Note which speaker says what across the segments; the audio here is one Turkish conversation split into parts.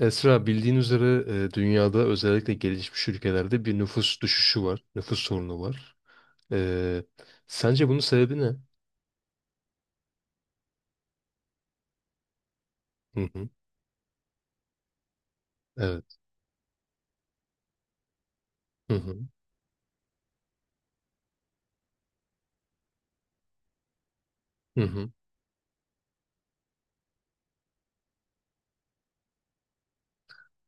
Speaker 1: Esra bildiğin üzere dünyada özellikle gelişmiş ülkelerde bir nüfus düşüşü var. Nüfus sorunu var. E, Sence bunun sebebi ne? Hı hı. Evet. Hı hı. Hı hı.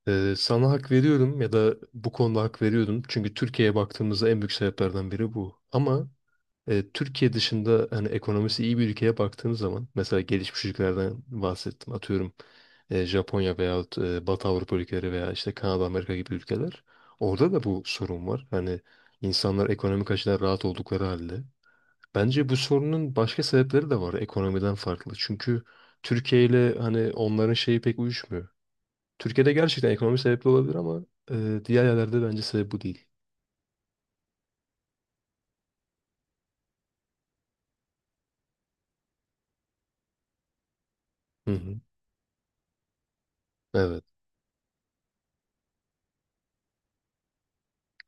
Speaker 1: Sana hak veriyorum ya da bu konuda hak veriyordum. Çünkü Türkiye'ye baktığımızda en büyük sebeplerden biri bu. Türkiye dışında hani ekonomisi iyi bir ülkeye baktığınız zaman mesela gelişmiş ülkelerden bahsettim. Atıyorum Japonya veyahut Batı Avrupa ülkeleri veya işte Kanada, Amerika gibi ülkeler. Orada da bu sorun var. Hani insanlar ekonomik açıdan rahat oldukları halde. Bence bu sorunun başka sebepleri de var ekonomiden farklı. Çünkü Türkiye ile hani onların şeyi pek uyuşmuyor. Türkiye'de gerçekten ekonomi sebepli olabilir ama diğer yerlerde bence sebep bu değil. Hı hı. Evet.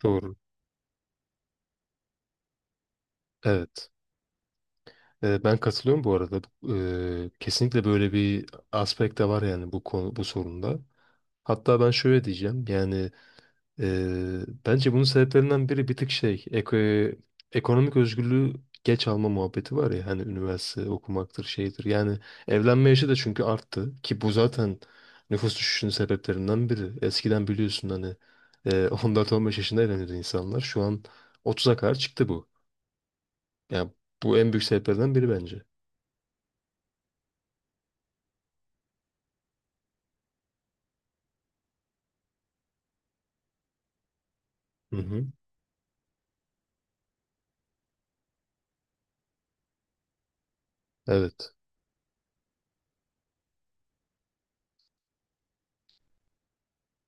Speaker 1: Doğru. Evet. Ben katılıyorum bu arada. Bu, kesinlikle böyle bir aspekt de var yani bu konu, bu sorunda. Hatta ben şöyle diyeceğim yani eee, bence bunun sebeplerinden biri bir tık şey ekonomik özgürlüğü geç alma muhabbeti var ya hani üniversite okumaktır şeydir. Yani evlenme yaşı da çünkü arttı ki bu zaten nüfus düşüşünün sebeplerinden biri. Eskiden biliyorsun hani 14-15 yaşında evleniyordu insanlar. Şu an 30'a kadar çıktı bu. Yani bu en büyük sebeplerden biri bence. Hı hı. Evet.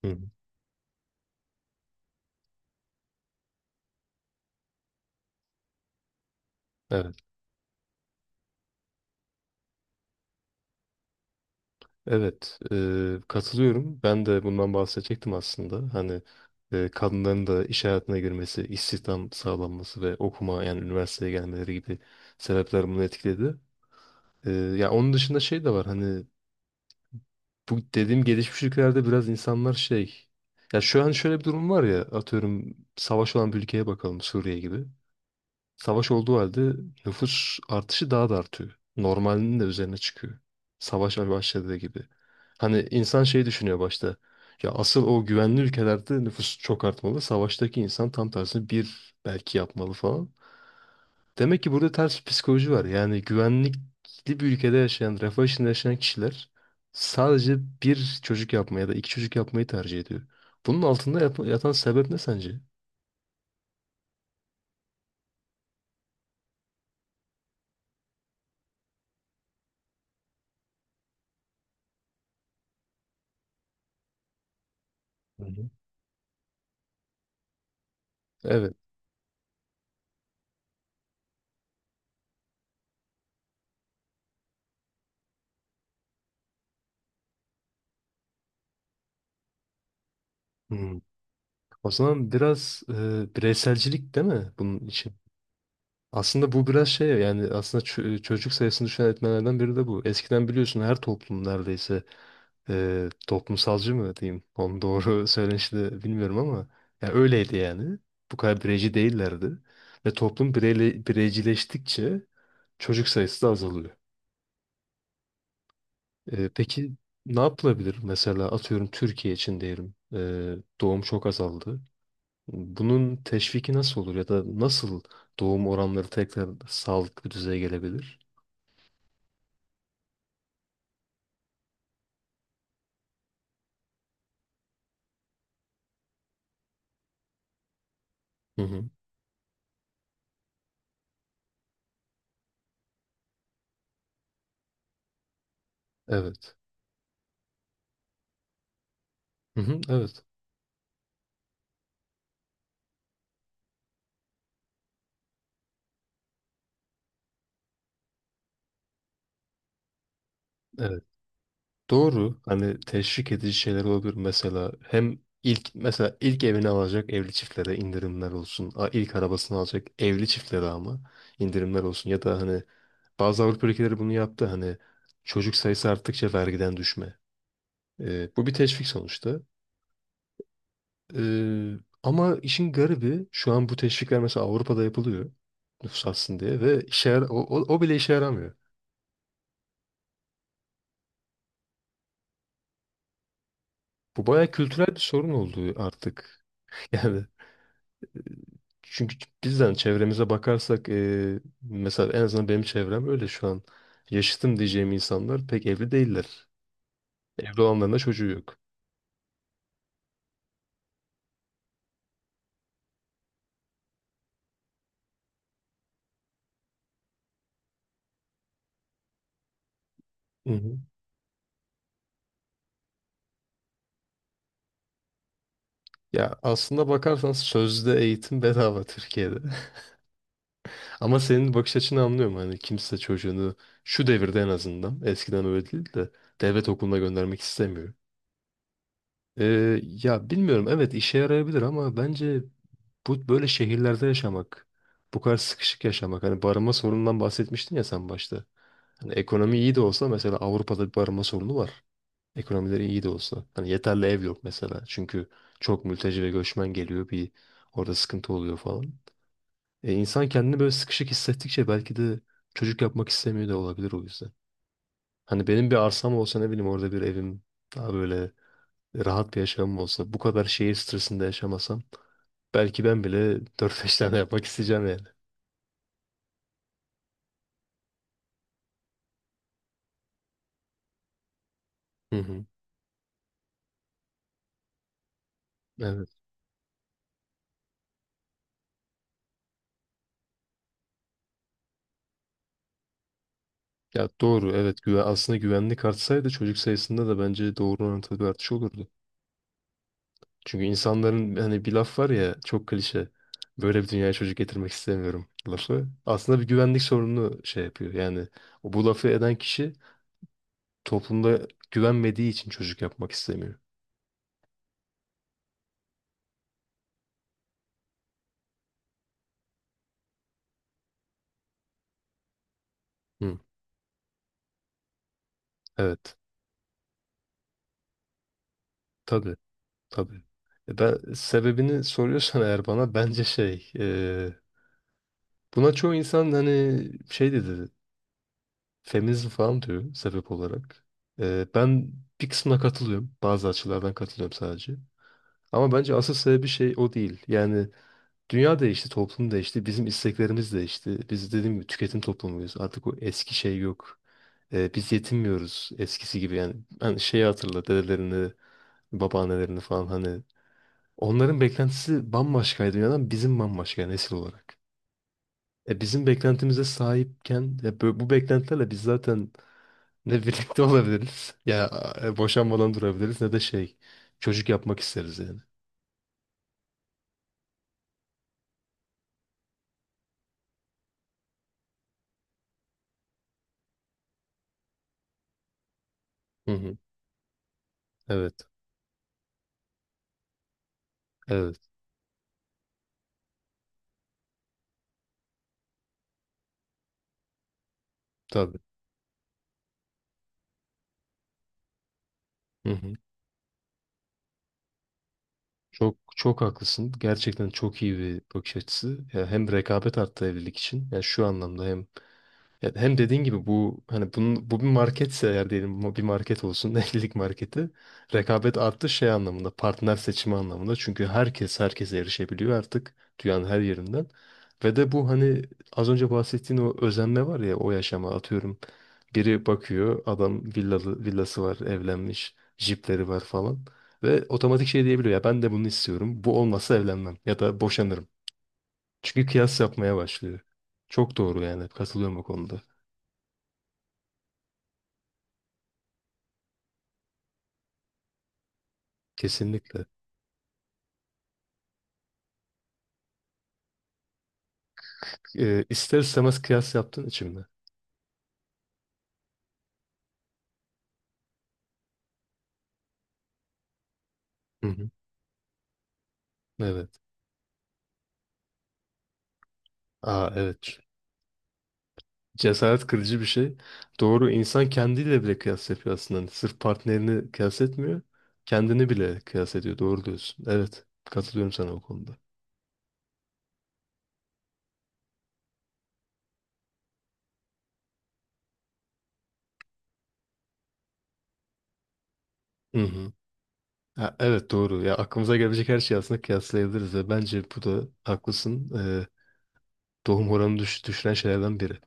Speaker 1: Hı hı. Evet. Evet. Katılıyorum. Ben de bundan bahsedecektim aslında. Hani kadınların da iş hayatına girmesi, istihdam sağlanması ve okuma yani üniversiteye gelmeleri gibi sebepler bunu etkiledi. Ya onun dışında şey de var. Hani bu dediğim gelişmiş ülkelerde biraz insanlar şey. Ya şu an şöyle bir durum var ya. Atıyorum savaş olan bir ülkeye bakalım Suriye gibi. Savaş olduğu halde nüfus artışı daha da artıyor. Normalinin de üzerine çıkıyor. Savaş başladığı gibi. Hani insan şey düşünüyor başta. Ya asıl o güvenli ülkelerde nüfus çok artmalı. Savaştaki insan tam tersini bir belki yapmalı falan. Demek ki burada ters bir psikoloji var. Yani güvenlikli bir ülkede yaşayan, refah içinde yaşayan kişiler sadece bir çocuk yapmayı ya da iki çocuk yapmayı tercih ediyor. Bunun altında yatan sebep ne sence? Hı hı. Evet. Hmm. O zaman biraz bireyselcilik değil mi bunun için? Aslında bu biraz şey yani aslında çocuk sayısını düşen etmenlerden biri de bu. Eskiden biliyorsun her toplum neredeyse toplumsalcı mı diyeyim? Onun doğru söylenişi de bilmiyorum ama ya öyleydi yani. Bu kadar bireyci değillerdi. Ve toplum bireyle, bireycileştikçe çocuk sayısı da azalıyor. Peki ne yapılabilir? Mesela atıyorum Türkiye için diyelim. Doğum çok azaldı. Bunun teşviki nasıl olur ya da nasıl doğum oranları tekrar sağlıklı düzeye gelebilir? Hı hı. Evet. Hı hı. Evet. Evet. Doğru. Hani teşvik edici şeyler olabilir. Mesela hem ilk mesela ilk evini alacak evli çiftlere indirimler olsun. İlk arabasını alacak evli çiftlere ama indirimler olsun. Ya da hani bazı Avrupa ülkeleri bunu yaptı. Hani çocuk sayısı arttıkça vergiden düşme. Bu bir teşvik sonuçta. Ee, Ama işin garibi şu an bu teşvikler mesela Avrupa'da yapılıyor nüfus artsın diye ve işe yara- o, o, o bile işe yaramıyor. Bu bayağı kültürel bir sorun oldu artık. Yani çünkü bizden çevremize bakarsak mesela en azından benim çevrem öyle şu an. Yaşıtım diyeceğim insanlar pek evli değiller. Evli olanların da çocuğu yok. Hı hı. Ya aslında bakarsan sözde eğitim bedava Türkiye'de. Ama senin bakış açını anlıyorum. Hani kimse çocuğunu şu devirde en azından eskiden öyle değil de devlet okuluna göndermek istemiyor. Ya bilmiyorum evet işe yarayabilir ama bence bu böyle şehirlerde yaşamak, bu kadar sıkışık yaşamak. Hani barınma sorunundan bahsetmiştin ya sen başta. Hani ekonomi iyi de olsa mesela Avrupa'da bir barınma sorunu var. Ekonomileri iyi de olsa. Hani yeterli ev yok mesela. Çünkü çok mülteci ve göçmen geliyor bir orada sıkıntı oluyor falan. İnsan kendini böyle sıkışık hissettikçe belki de çocuk yapmak istemiyor da olabilir o yüzden. Hani benim bir arsam olsa ne bileyim orada bir evim daha böyle rahat bir yaşamım olsa bu kadar şehir stresinde yaşamasam belki ben bile dört beş tane yapmak isteyeceğim yani. Hı hı. Evet. Ya doğru evet güven, aslında güvenlik artsaydı çocuk sayısında da bence doğru orantılı bir artış olurdu. Çünkü insanların hani bir laf var ya çok klişe böyle bir dünyaya çocuk getirmek istemiyorum lafı. Aslında bir güvenlik sorununu şey yapıyor yani o bu lafı eden kişi toplumda güvenmediği için çocuk yapmak istemiyor. Hı, evet. Tabii, tabii. E Ben sebebini soruyorsan eğer bana bence şey buna çoğu insan hani şey dedi feminizm falan diyor sebep olarak. Ben bir kısmına katılıyorum. Bazı açılardan katılıyorum sadece. Ama bence asıl sebebi şey o değil. Yani dünya değişti, toplum değişti, bizim isteklerimiz değişti. Biz dediğim gibi tüketim toplumuyuz. Artık o eski şey yok. Biz yetinmiyoruz eskisi gibi yani. Ben şeyi hatırla dedelerini, babaannelerini falan hani. Onların beklentisi bambaşkaydı dünyadan bizim bambaşka nesil olarak. Bizim beklentimize sahipken ya bu beklentilerle biz zaten ne birlikte olabiliriz ya boşanmadan durabiliriz ne de şey çocuk yapmak isteriz yani. Hı hı. Evet. Evet. Tabii. Hı hı. Çok çok haklısın. Gerçekten çok iyi bir bakış açısı. Ya hem rekabet arttı evlilik için. Yani şu anlamda hem ya hem dediğin gibi bu hani bunun, bu bir marketse eğer diyelim bu bir market olsun evlilik marketi rekabet arttı şey anlamında partner seçimi anlamında çünkü herkes herkese erişebiliyor artık dünyanın her yerinden ve de bu hani az önce bahsettiğin o özenme var ya o yaşama atıyorum biri bakıyor adam villalı, villası var evlenmiş jipleri var falan ve otomatik şey diyebiliyor ya ben de bunu istiyorum bu olmazsa evlenmem ya da boşanırım çünkü kıyas yapmaya başlıyor. Çok doğru yani katılıyorum bu konuda. Kesinlikle. İster istemez kıyas yaptın içimde. Hı hı. Evet. Aa evet. Cesaret kırıcı bir şey. Doğru insan kendiyle bile kıyas yapıyor aslında. Hani sırf partnerini kıyas etmiyor. Kendini bile kıyas ediyor. Doğru diyorsun. Evet. Katılıyorum sana o konuda. Hı hı. Ha, evet doğru. Ya aklımıza gelecek her şeyi aslında kıyaslayabiliriz ve bence bu da haklısın. Doğum oranı düşüren şeylerden biri.